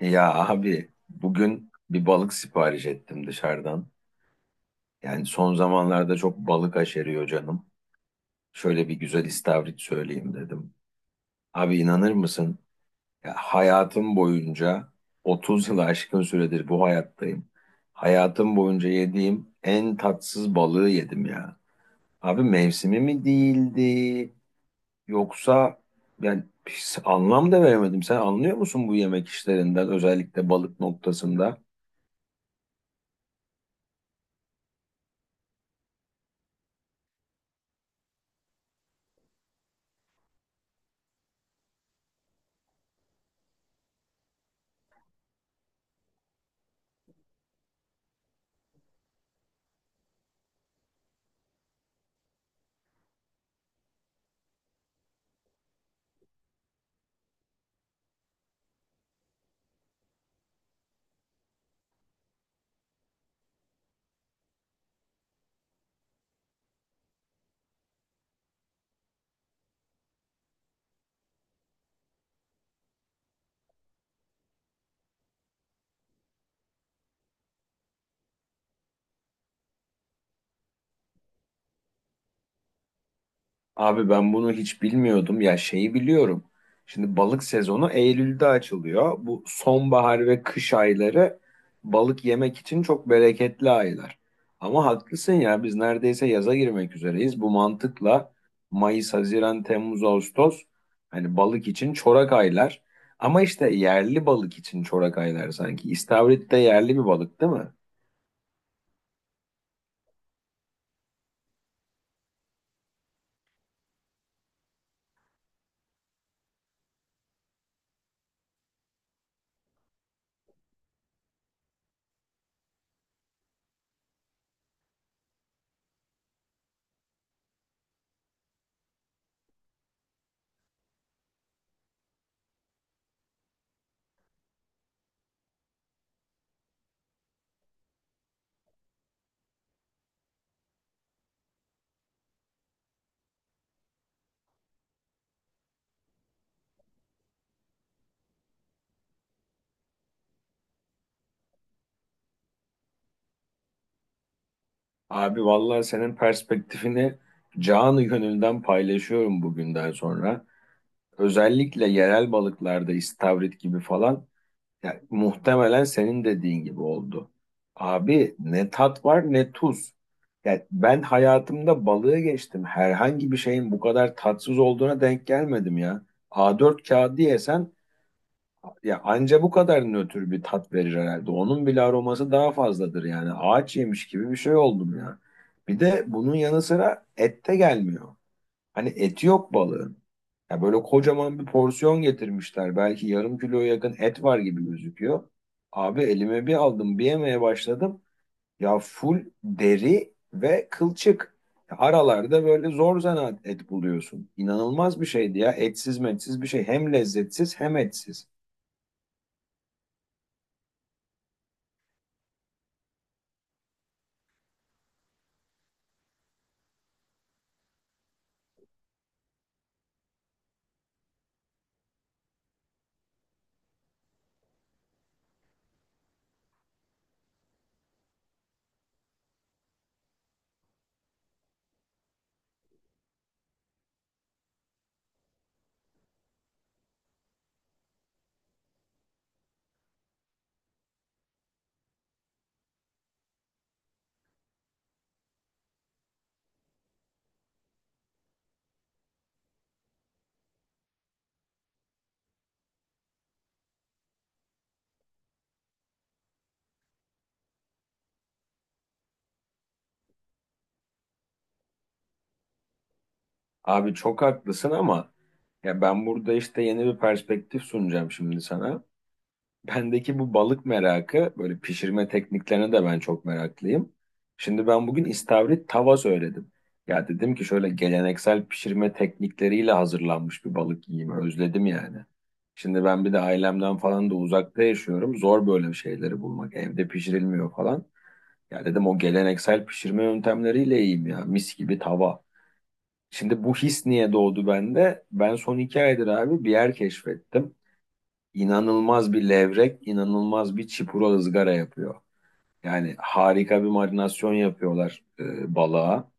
Ya abi bugün bir balık sipariş ettim dışarıdan. Yani son zamanlarda çok balık aşeriyor canım. Şöyle bir güzel istavrit söyleyeyim dedim. Abi inanır mısın? Ya hayatım boyunca 30 yılı aşkın süredir bu hayattayım. Hayatım boyunca yediğim en tatsız balığı yedim ya. Abi mevsimi mi değildi yoksa yani hiç anlam da veremedim. Sen anlıyor musun bu yemek işlerinden özellikle balık noktasında? Abi ben bunu hiç bilmiyordum. Ya şeyi biliyorum. Şimdi balık sezonu Eylül'de açılıyor. Bu sonbahar ve kış ayları balık yemek için çok bereketli aylar. Ama haklısın ya biz neredeyse yaza girmek üzereyiz. Bu mantıkla Mayıs, Haziran, Temmuz, Ağustos hani balık için çorak aylar. Ama işte yerli balık için çorak aylar sanki. İstavrit de yerli bir balık değil mi? Abi vallahi senin perspektifini canı gönülden paylaşıyorum bugünden sonra. Özellikle yerel balıklarda istavrit gibi falan, ya, muhtemelen senin dediğin gibi oldu. Abi ne tat var ne tuz. Ya ben hayatımda balığı geçtim. Herhangi bir şeyin bu kadar tatsız olduğuna denk gelmedim ya. A4 kağıdı yesen ya anca bu kadar nötr bir tat verir herhalde. Onun bile aroması daha fazladır yani. Ağaç yemiş gibi bir şey oldum ya. Bir de bunun yanı sıra et de gelmiyor. Hani eti yok balığın. Ya böyle kocaman bir porsiyon getirmişler. Belki yarım kiloya yakın et var gibi gözüküyor. Abi elime bir aldım, bir yemeye başladım. Ya full deri ve kılçık. Ya aralarda böyle zor zanaat et buluyorsun. İnanılmaz bir şeydi ya. Etsiz metsiz bir şey. Hem lezzetsiz hem etsiz. Abi çok haklısın ama ya ben burada işte yeni bir perspektif sunacağım şimdi sana. Bendeki bu balık merakı, böyle pişirme tekniklerine de ben çok meraklıyım. Şimdi ben bugün istavrit tava söyledim. Ya dedim ki şöyle geleneksel pişirme teknikleriyle hazırlanmış bir balık yiyeyim, özledim yani. Şimdi ben bir de ailemden falan da uzakta yaşıyorum. Zor böyle şeyleri bulmak, evde pişirilmiyor falan. Ya dedim o geleneksel pişirme yöntemleriyle yiyeyim ya, mis gibi tava. Şimdi bu his niye doğdu bende? Ben son iki aydır abi bir yer keşfettim, inanılmaz bir levrek, inanılmaz bir çipura ızgara yapıyor. Yani harika bir marinasyon yapıyorlar balığa.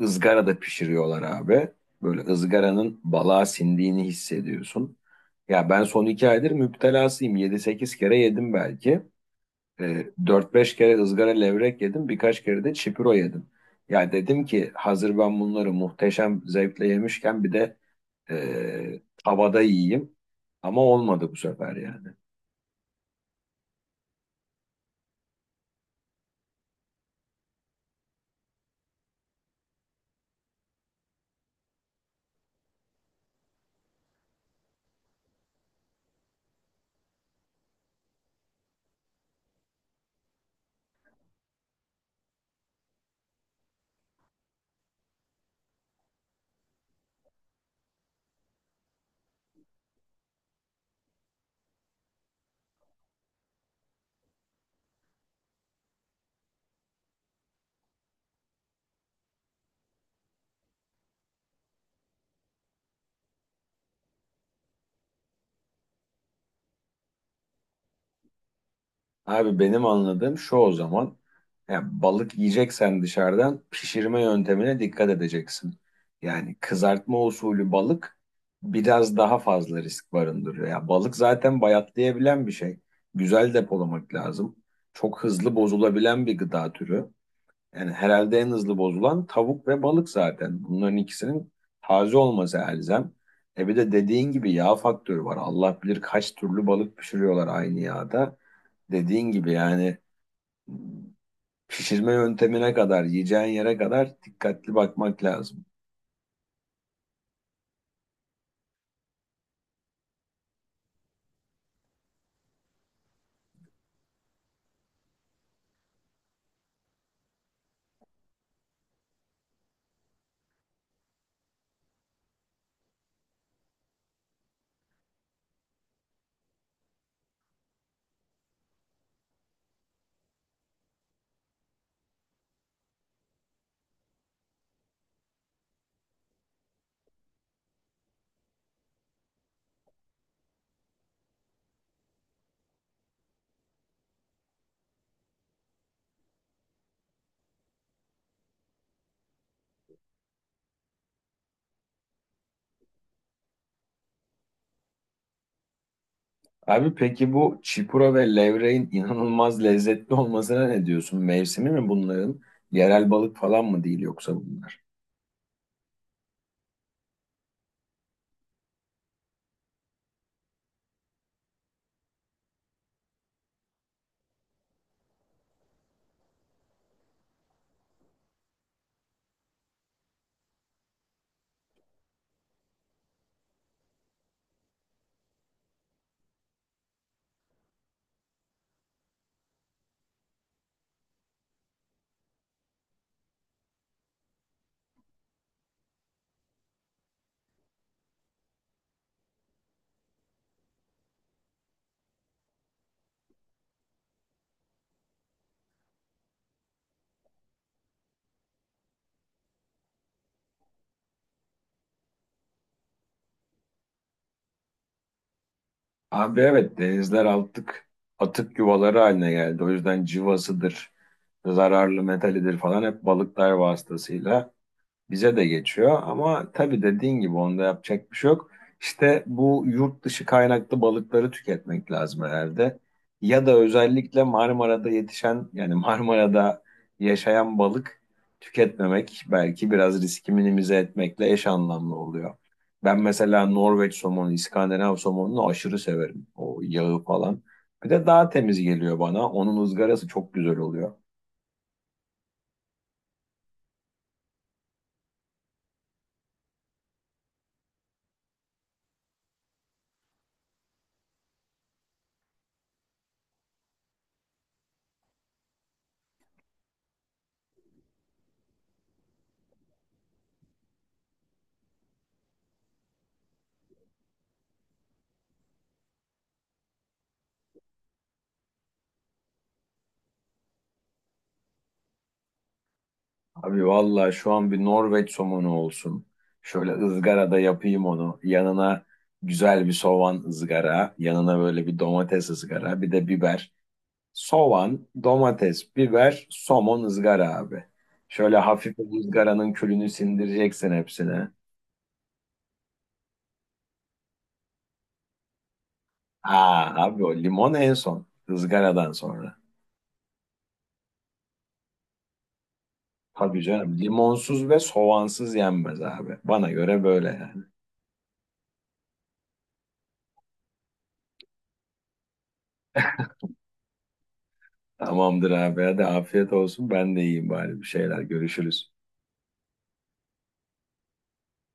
Izgara da pişiriyorlar abi. Böyle ızgaranın balığa sindiğini hissediyorsun. Ya ben son iki aydır müptelasıyım. Yedi sekiz kere yedim belki. E, 4-5 kere ızgara levrek yedim. Birkaç kere de çipuro yedim. Ya dedim ki hazır ben bunları muhteşem zevkle yemişken bir de havada yiyeyim. Ama olmadı bu sefer yani. Abi benim anladığım şu o zaman. Yani balık yiyeceksen dışarıdan pişirme yöntemine dikkat edeceksin. Yani kızartma usulü balık biraz daha fazla risk barındırıyor. Ya balık zaten bayatlayabilen bir şey. Güzel depolamak lazım. Çok hızlı bozulabilen bir gıda türü. Yani herhalde en hızlı bozulan tavuk ve balık zaten. Bunların ikisinin taze olması elzem. E bir de dediğin gibi yağ faktörü var. Allah bilir kaç türlü balık pişiriyorlar aynı yağda. Dediğin gibi yani pişirme yöntemine kadar, yiyeceğin yere kadar dikkatli bakmak lazım. Abi peki bu çipura ve levreğin inanılmaz lezzetli olmasına ne diyorsun? Mevsimi mi bunların? Yerel balık falan mı değil yoksa bunlar? Abi evet denizler artık atık yuvaları haline geldi. O yüzden cıvasıdır, zararlı metalidir falan hep balıklar vasıtasıyla bize de geçiyor ama tabii dediğin gibi onda yapacak bir şey yok. İşte bu yurt dışı kaynaklı balıkları tüketmek lazım herhalde. Ya da özellikle Marmara'da yetişen yani Marmara'da yaşayan balık tüketmemek belki biraz riski minimize etmekle eş anlamlı oluyor. Ben mesela Norveç somonu, İskandinav somonunu aşırı severim. O yağı falan. Bir de daha temiz geliyor bana. Onun ızgarası çok güzel oluyor. Abi vallahi şu an bir Norveç somonu olsun. Şöyle ızgarada yapayım onu. Yanına güzel bir soğan ızgara, yanına böyle bir domates ızgara, bir de biber. Soğan, domates, biber, somon ızgara abi. Şöyle hafif bu ızgaranın külünü sindireceksin hepsine. Aa abi o limon en son, ızgaradan sonra. Tabii canım limonsuz ve soğansız yenmez abi. Bana göre böyle yani. Tamamdır abi hadi afiyet olsun ben de yiyeyim bari bir şeyler görüşürüz.